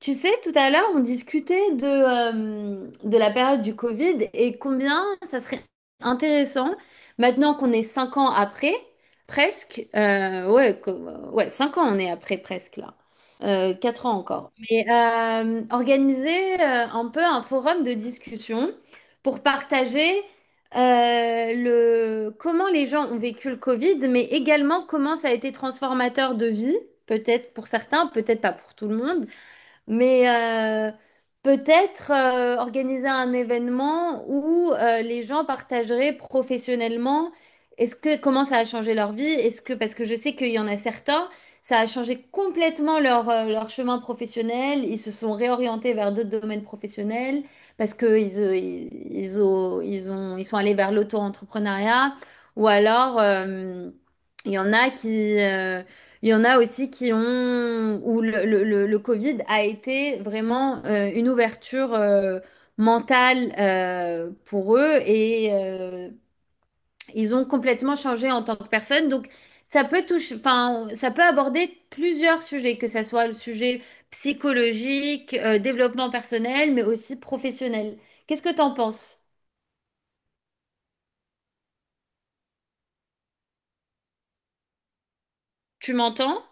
Tu sais, tout à l'heure, on discutait de la période du Covid et combien ça serait intéressant, maintenant qu'on est 5 ans après, presque, ouais, ouais, 5 ans on est après presque là, 4 ans encore, mais organiser un peu un forum de discussion pour partager comment les gens ont vécu le Covid, mais également comment ça a été transformateur de vie, peut-être pour certains, peut-être pas pour tout le monde. Mais peut-être organiser un événement où les gens partageraient professionnellement est-ce que comment ça a changé leur vie? Est-ce que parce que je sais qu'il y en a certains, ça a changé complètement leur chemin professionnel, ils se sont réorientés vers d'autres domaines professionnels parce que ils sont allés vers l'auto-entrepreneuriat ou alors il y en a qui, euh, il y en a aussi qui ont, où le Covid a été vraiment une ouverture mentale pour eux et ils ont complètement changé en tant que personne. Donc, ça peut toucher, enfin, ça peut aborder plusieurs sujets, que ce soit le sujet psychologique, développement personnel, mais aussi professionnel. Qu'est-ce que tu en penses? Tu m'entends?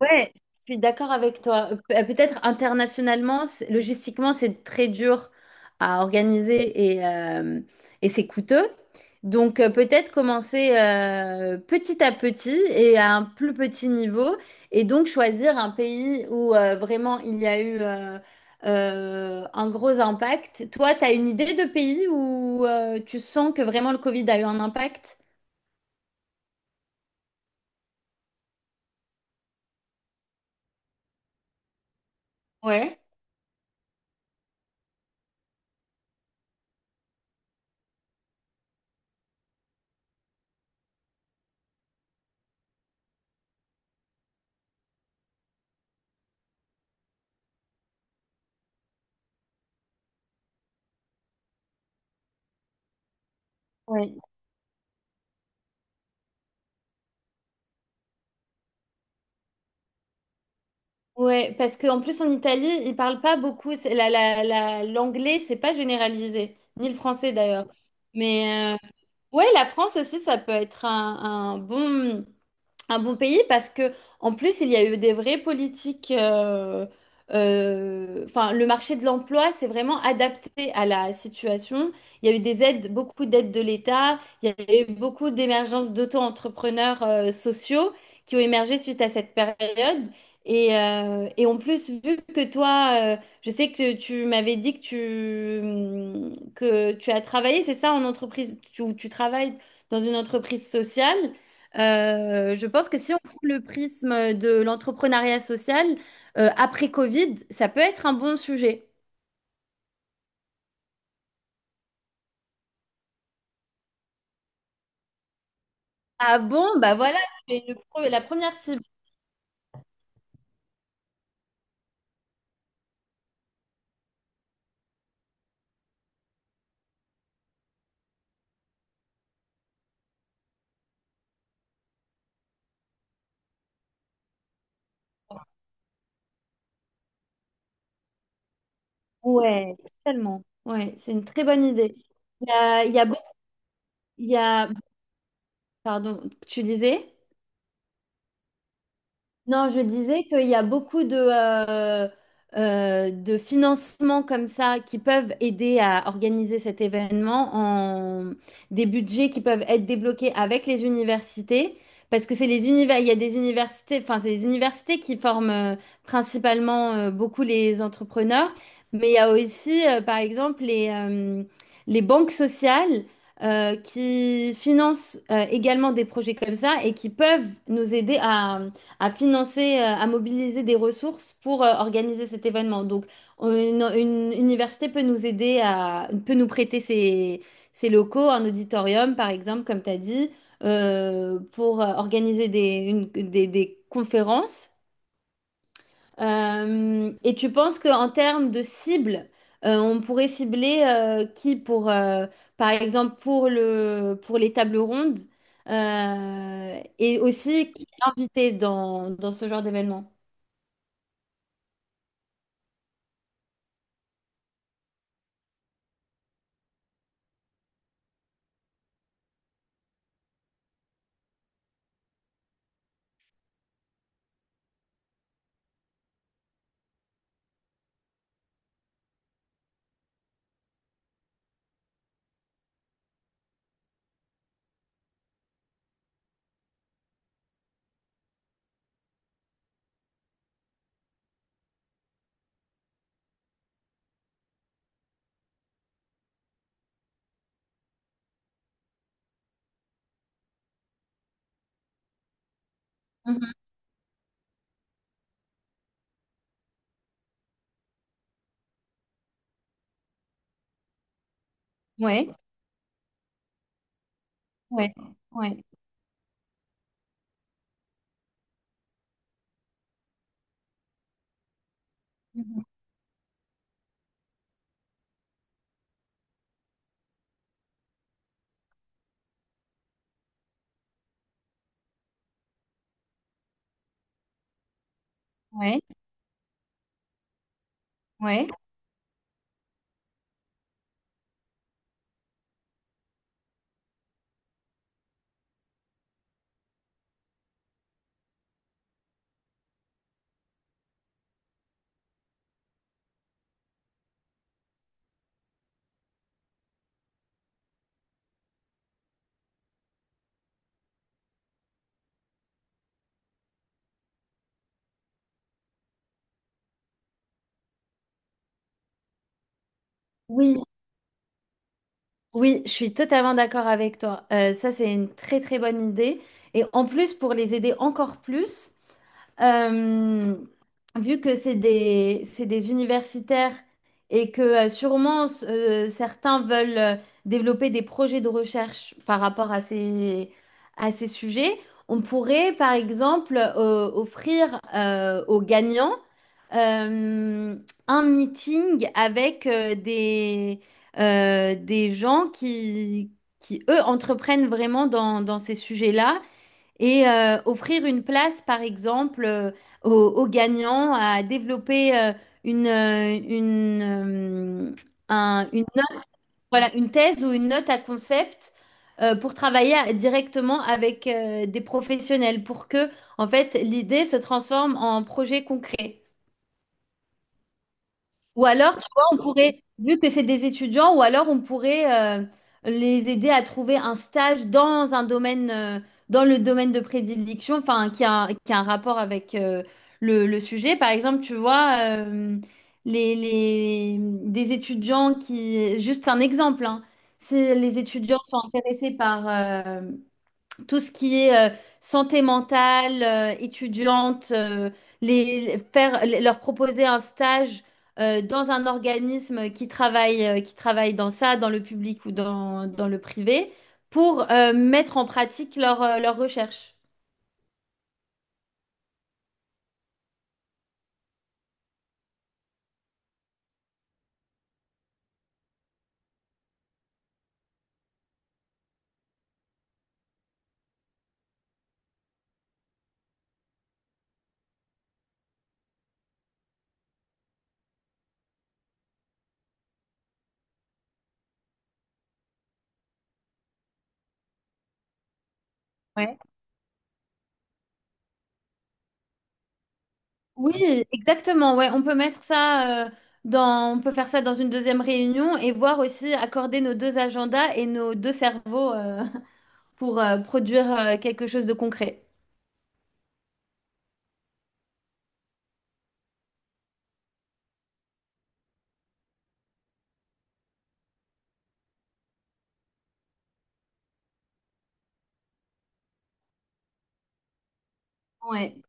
Ouais, je suis d'accord avec toi. Peut-être internationalement, logistiquement, c'est très dur à organiser et c'est coûteux. Donc peut-être commencer petit à petit et à un plus petit niveau et donc choisir un pays où vraiment il y a eu un gros impact. Toi, tu as une idée de pays où tu sens que vraiment le Covid a eu un impact? Ouais. Ouais, parce qu'en plus en Italie, ils parlent pas beaucoup. L'anglais, c'est pas généralisé, ni le français d'ailleurs. Mais ouais, la France aussi, ça peut être un bon pays parce que en plus il y a eu des vraies politiques enfin le marché de l'emploi s'est vraiment adapté à la situation. Il y a eu des aides beaucoup d'aides de l'État. Il y a eu beaucoup d'émergences d'auto-entrepreneurs sociaux qui ont émergé suite à cette période. Et en plus, vu que toi, je sais que tu m'avais dit que que tu as travaillé, c'est ça, en entreprise, où tu travailles dans une entreprise sociale. Je pense que si on prend le prisme de l'entrepreneuriat social, après Covid, ça peut être un bon sujet. Ah bon, bah voilà, c'est la première cible. Ouais, tellement. Ouais, c'est une très bonne idée. Il y a beaucoup- il y a- Pardon, tu disais? Non, je disais qu'il y a beaucoup de financements comme ça qui peuvent aider à organiser cet événement en des budgets qui peuvent être débloqués avec les universités. Parce que il y a des universités, enfin, c'est les universités qui forment principalement beaucoup les entrepreneurs, mais il y a aussi, par exemple, les banques sociales qui financent également des projets comme ça et qui peuvent nous aider à financer, à mobiliser des ressources pour organiser cet événement. Donc, une université peut nous aider peut nous prêter ses locaux, un auditorium, par exemple, comme tu as dit, pour organiser des conférences. Et tu penses qu'en termes de cible, on pourrait cibler qui pour, par exemple, pour les tables rondes, et aussi qui est invité dans ce genre d'événement? Mhm. Ouais. Mhm. Ouais. Ouais. Oui, oui, je suis totalement d'accord avec toi. Ça, c'est une très très bonne idée. Et en plus, pour les aider encore plus, Euh, vu que c'est des universitaires et que sûrement certains veulent développer des projets de recherche par rapport à ces sujets, on pourrait par exemple offrir aux gagnants euh, un meeting avec des gens qui, eux, entreprennent vraiment dans ces sujets-là et offrir une place, par exemple, aux gagnants à développer une, euh, une, euh, une note, voilà, une thèse ou une note à concept pour travailler directement avec des professionnels pour que, en fait, l'idée se transforme en projet concret. Ou alors, tu vois, on pourrait, vu que c'est des étudiants, ou alors on pourrait les aider à trouver un stage dans le domaine de prédilection, enfin, qui a un rapport avec le sujet. Par exemple, tu vois, des étudiants qui, juste un exemple, hein, si les étudiants sont intéressés par tout ce qui est santé mentale, étudiante, leur proposer un stage dans un organisme qui travaille dans ça, dans le public ou dans le privé, pour mettre en pratique leur recherche. Ouais. Oui, exactement. Ouais, on peut mettre ça on peut faire ça dans une deuxième réunion et voir aussi accorder nos deux agendas et nos deux cerveaux pour produire quelque chose de concret. Ouais.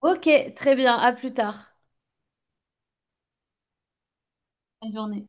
Ok, très bien. À plus tard. Bonne journée.